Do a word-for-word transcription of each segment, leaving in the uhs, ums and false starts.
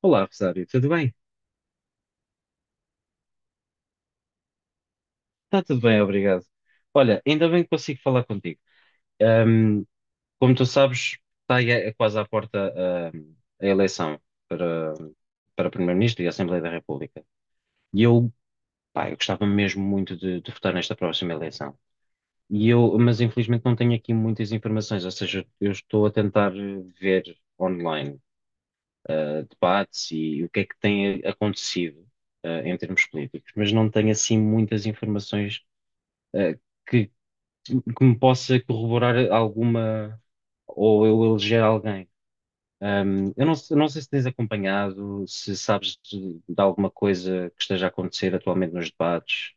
Olá, Rosário, tudo bem? Está tudo bem, obrigado. Olha, ainda bem que consigo falar contigo. Ahm, Como tu sabes, está aí a- quase à porta, ahm, a eleição para, para Primeiro-Ministro e Assembleia da República. E eu, Pá, eu gostava mesmo muito de, de votar nesta próxima eleição. E eu, mas infelizmente não tenho aqui muitas informações, ou seja, eu estou a tentar eh, ver online, ah, debates e o que é que tem acontecido, ah, em termos políticos, mas não tenho assim muitas informações eh, que, que me possa corroborar alguma ou eu eleger alguém. Ahm, eu não, se- Não sei se tens acompanhado, se sabes de, de alguma coisa que esteja a acontecer atualmente nos debates.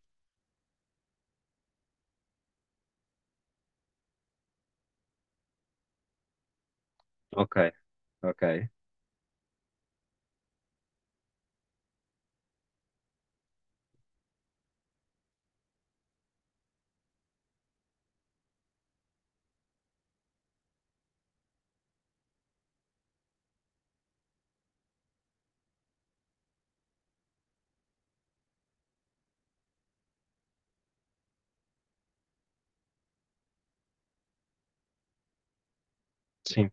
Ok, ok, sim.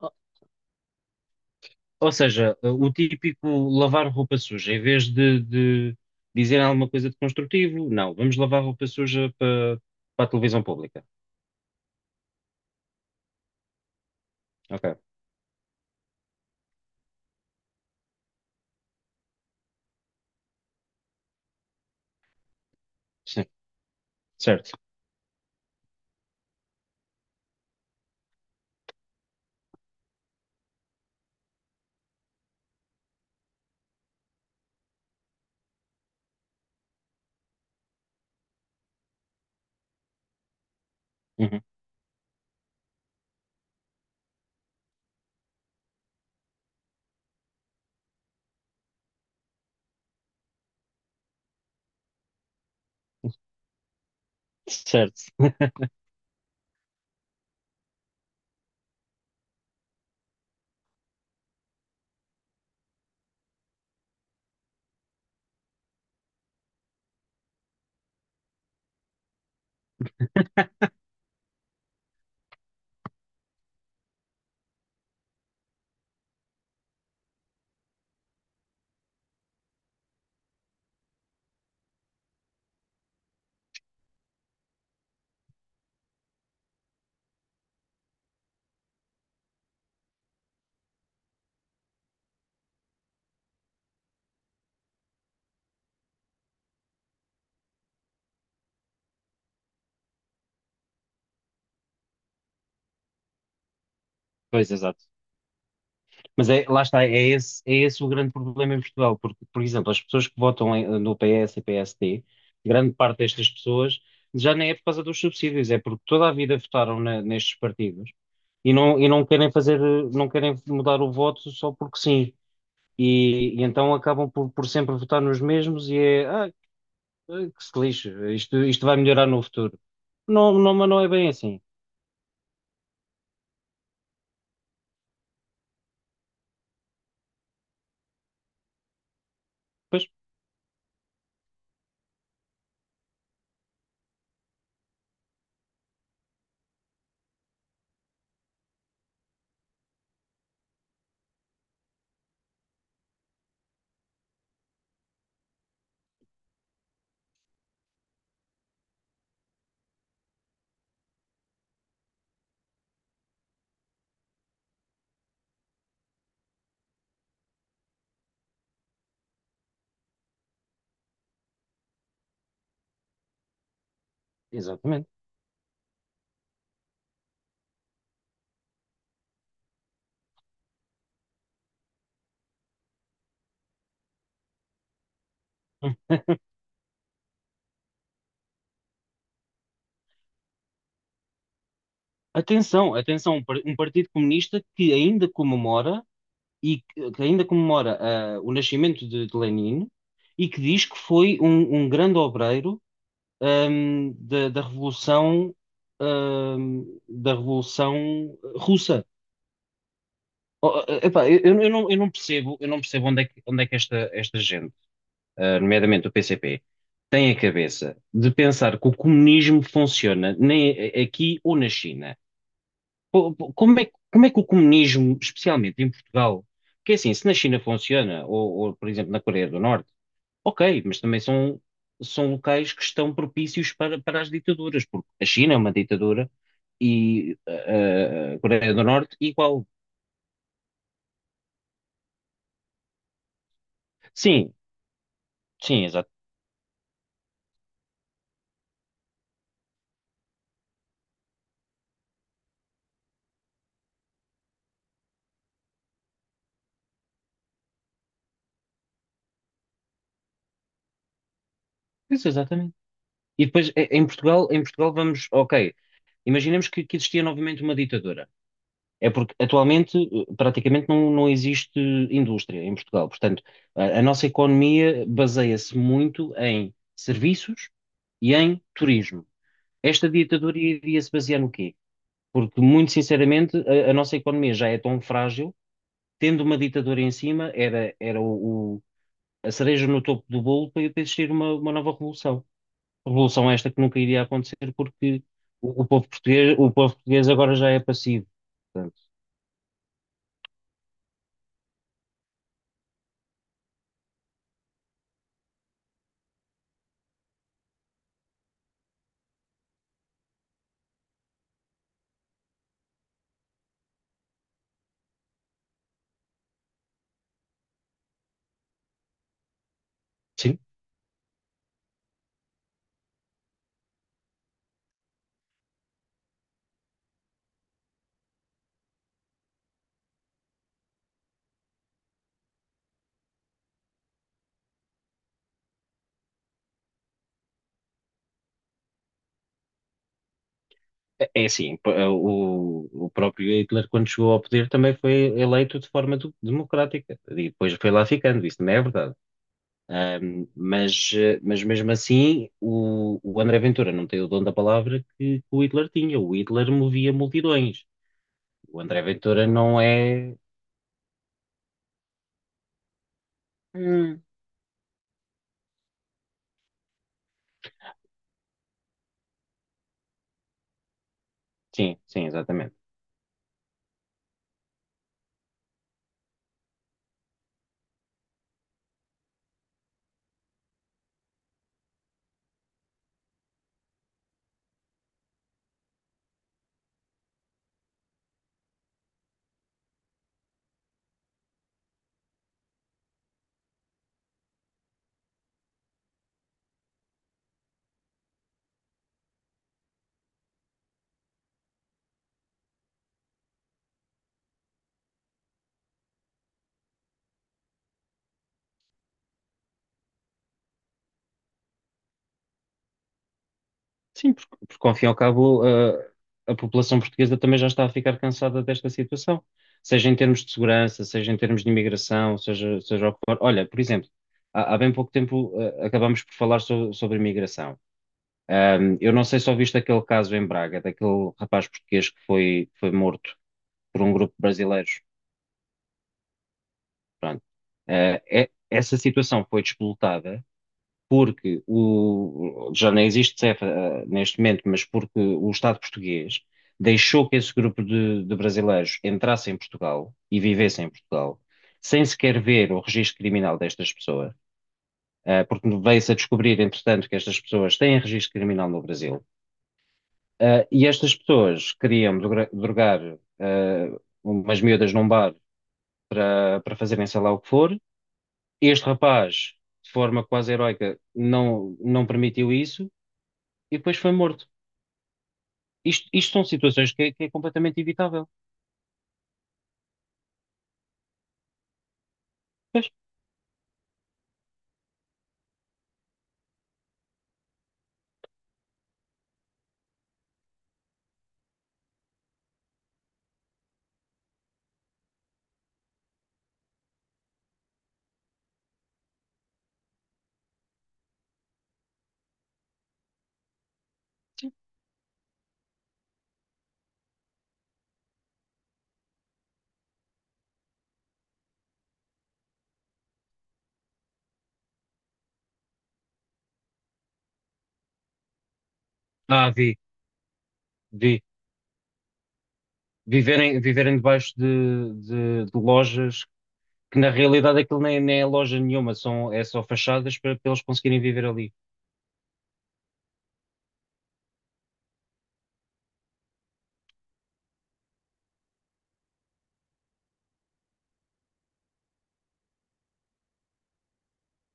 Ou ou seja, o típico lavar roupa suja, em vez de, de dizer alguma coisa de construtivo, não, vamos lavar roupa suja para para a televisão pública. Ok, sim, certo. Uhum. Certo. Pois, exato. Mas é, lá está, é esse, é esse o grande problema em Portugal, porque, por exemplo, as pessoas que votam em- no P S e P S D, grande parte destas pessoas já nem é por causa dos subsídios, é porque toda a vida votaram na- nestes partidos e não, e não querem fazer, eh, não querem mudar o voto só porque sim. E, e então acabam por, por sempre votar nos mesmos e é, ah, eh, que se lixe, isto, isto vai melhorar no futuro. Não, não, mas não é bem assim. Pois, exatamente. Hum. Atenção, atenção, um par- um Partido Comunista que ainda comemora e que que ainda comemora ah, o nascimento de, de Lenin e que diz que foi um, um grande obreiro ahm, da, da Revolução ahm, da Revolução Russa. Oh, eh, epá, eu, eu não, eu não percebo, eu não percebo onde é que, onde é que esta, esta gente, ah, nomeadamente o P C P, tem a cabeça de pensar que o comunismo funciona nem aqui ou na China. Po- po- Como é, que- como é que o comunismo, especialmente em Portugal, porque assim, se na China funciona, ou, ou, por exemplo na Coreia do Norte, ok, mas também são, são locais que estão propícios para, para as ditaduras, porque a China é uma ditadura e eh, eh, a Coreia do Norte igual. Sim, sim, exato. Isso, exatamente. E depois eh, em Portugal, em Portugal vamos, ok, imaginemos que, que existia novamente uma ditadura. É porque atualmente eh, praticamente não, não existe indústria em Portugal. Portanto, a, a nossa economia baseia-se muito em serviços e em turismo. Esta ditadura iria-se basear no quê? Porque, muito sinceramente, a, a nossa economia já é tão frágil, tendo uma ditadura em cima, era, era o, o- a cereja no topo do bolo para, para existir uma, uma nova revolução. Revolução esta que nunca iria acontecer porque o, o povo português, o povo português agora já é passivo. Portanto, sim. É assim, p- o, o próprio Hitler, quando chegou ao poder, também foi eleito de forma do- democrática e depois foi lá ficando, isso não é verdade. Mas, eh, mas mesmo assim, o, o André Ventura não tem o dom da palavra que, que o Hitler tinha. O Hitler movia multidões. O André Ventura não é. Hum. Sim, sim, exatamente. Sim, porque, porque ao fim e ao cabo, a a, população portuguesa também já está a ficar cansada desta situação, seja em termos de segurança, seja em termos de imigração, seja, seja o que for. Olha, por exemplo, há, há bem pouco tempo, eh, acabámos por falar so- sobre imigração. Ahm, eu não sei se ouviste aquele caso em Braga, daquele rapaz português que foi, foi morto por um grupo de brasileiros. Pronto. Eh, é- essa situação foi disputada porque o, já não existe C E F, eh, neste momento, mas porque o Estado português deixou que esse grupo de, de brasileiros entrasse em Portugal e vivesse em Portugal, sem sequer ver o registro criminal destas pessoas, eh, porque veio-se a descobrir, entretanto, que estas pessoas têm registro criminal no Brasil. Eh, e estas pessoas queriam droga- drogar, eh, umas miúdas num bar para, para fazerem sei lá o que for. Este rapaz, de forma quase heroica, não, não permitiu isso e depois foi morto. Isto, isto são situações que é, que é, completamente evitável. Pois. Ah, vi, vi. Viverem, viverem debaixo de, de, de lojas que na realidade aquilo nem, nem é loja nenhuma, são, é só fachadas para, para eles conseguirem viver ali.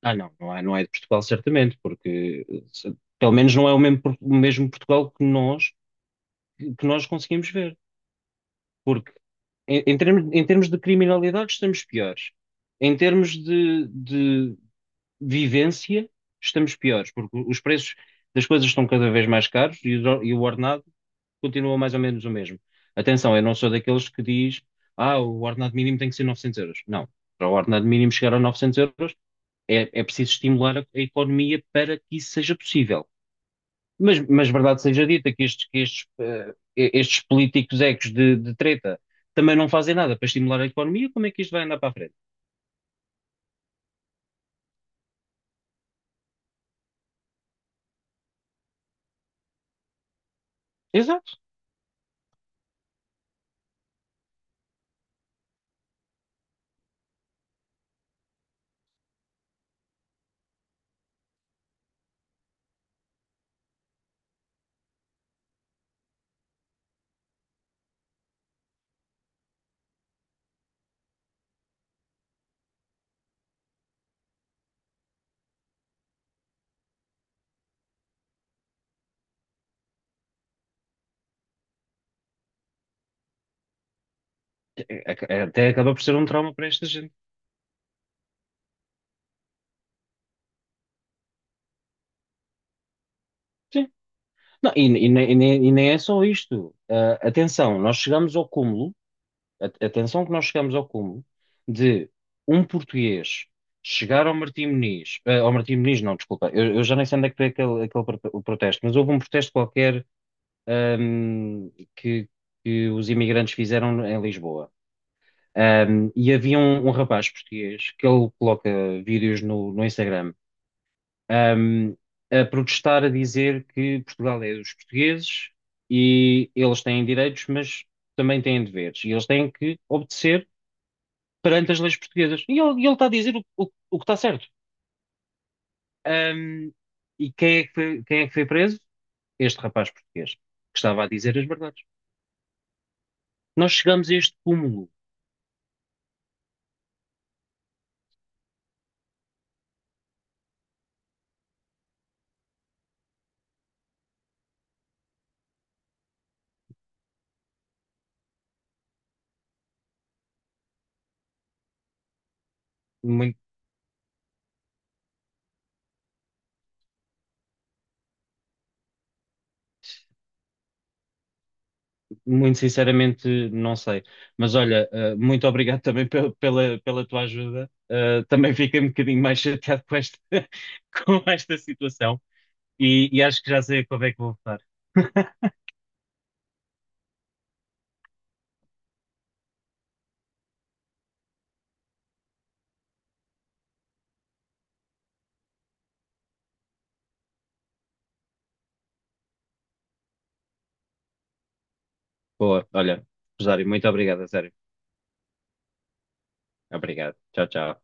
Ah, não, não é, não é de Portugal certamente, porque se- pelo menos não é o mesmo, Por- o mesmo Portugal que nós, que nós conseguimos ver. Porque em, em termos, em termos de criminalidade estamos piores. Em termos de, de vivência, estamos piores, porque os preços das coisas estão cada vez mais caros e, o e o ordenado continua mais ou menos o mesmo. Atenção, eu não sou daqueles que diz, ah, o ordenado mínimo tem que ser novecentos euros. Não, para o ordenado mínimo chegar a novecentos euros é, é preciso estimular a, a economia para que isso seja possível. Mas, mas verdade seja dita que estes, que estes, eh, estes políticos ecos de, de treta também não fazem nada para estimular a economia, como é que isto vai andar para a frente? Exato. É- é- Até acaba por ser um trauma para esta gente. Sim. Não, e, e nem, e nem- e nem é só isto. Ah, atenção, nós chegamos ao cúmulo, a- atenção que nós chegamos ao cúmulo de um português chegar ao Martim Moniz, ah, ao Martim Moniz não, desculpa, eu, eu já nem sei onde é que foi aquele, aquele pro- o protesto, mas houve um protesto qualquer, ahm, que, que os imigrantes fizeram em Lisboa. Ahm, e havia um, um rapaz português que ele coloca vídeos no, no Instagram um, a protestar a dizer que Portugal é dos portugueses e eles têm direitos, mas também têm deveres e eles têm que obedecer perante as leis portuguesas. E ele, e ele está a dizer o, o- o que está certo. Um, e quem é que foi, quem é que foi preso? Este rapaz português, que estava a dizer as verdades. Nós chegamos a este cúmulo. Uma Muito sinceramente, não sei. Mas olha, eh, muito obrigado também pe- pela, pela tua ajuda. Eh, também fiquei um bocadinho mais chateado com esta, com esta situação. E, e acho que já sei a quando é que vou votar. Boa, olha, Rosário, muito obrigado, a sério. Obrigado. Tchau, tchau.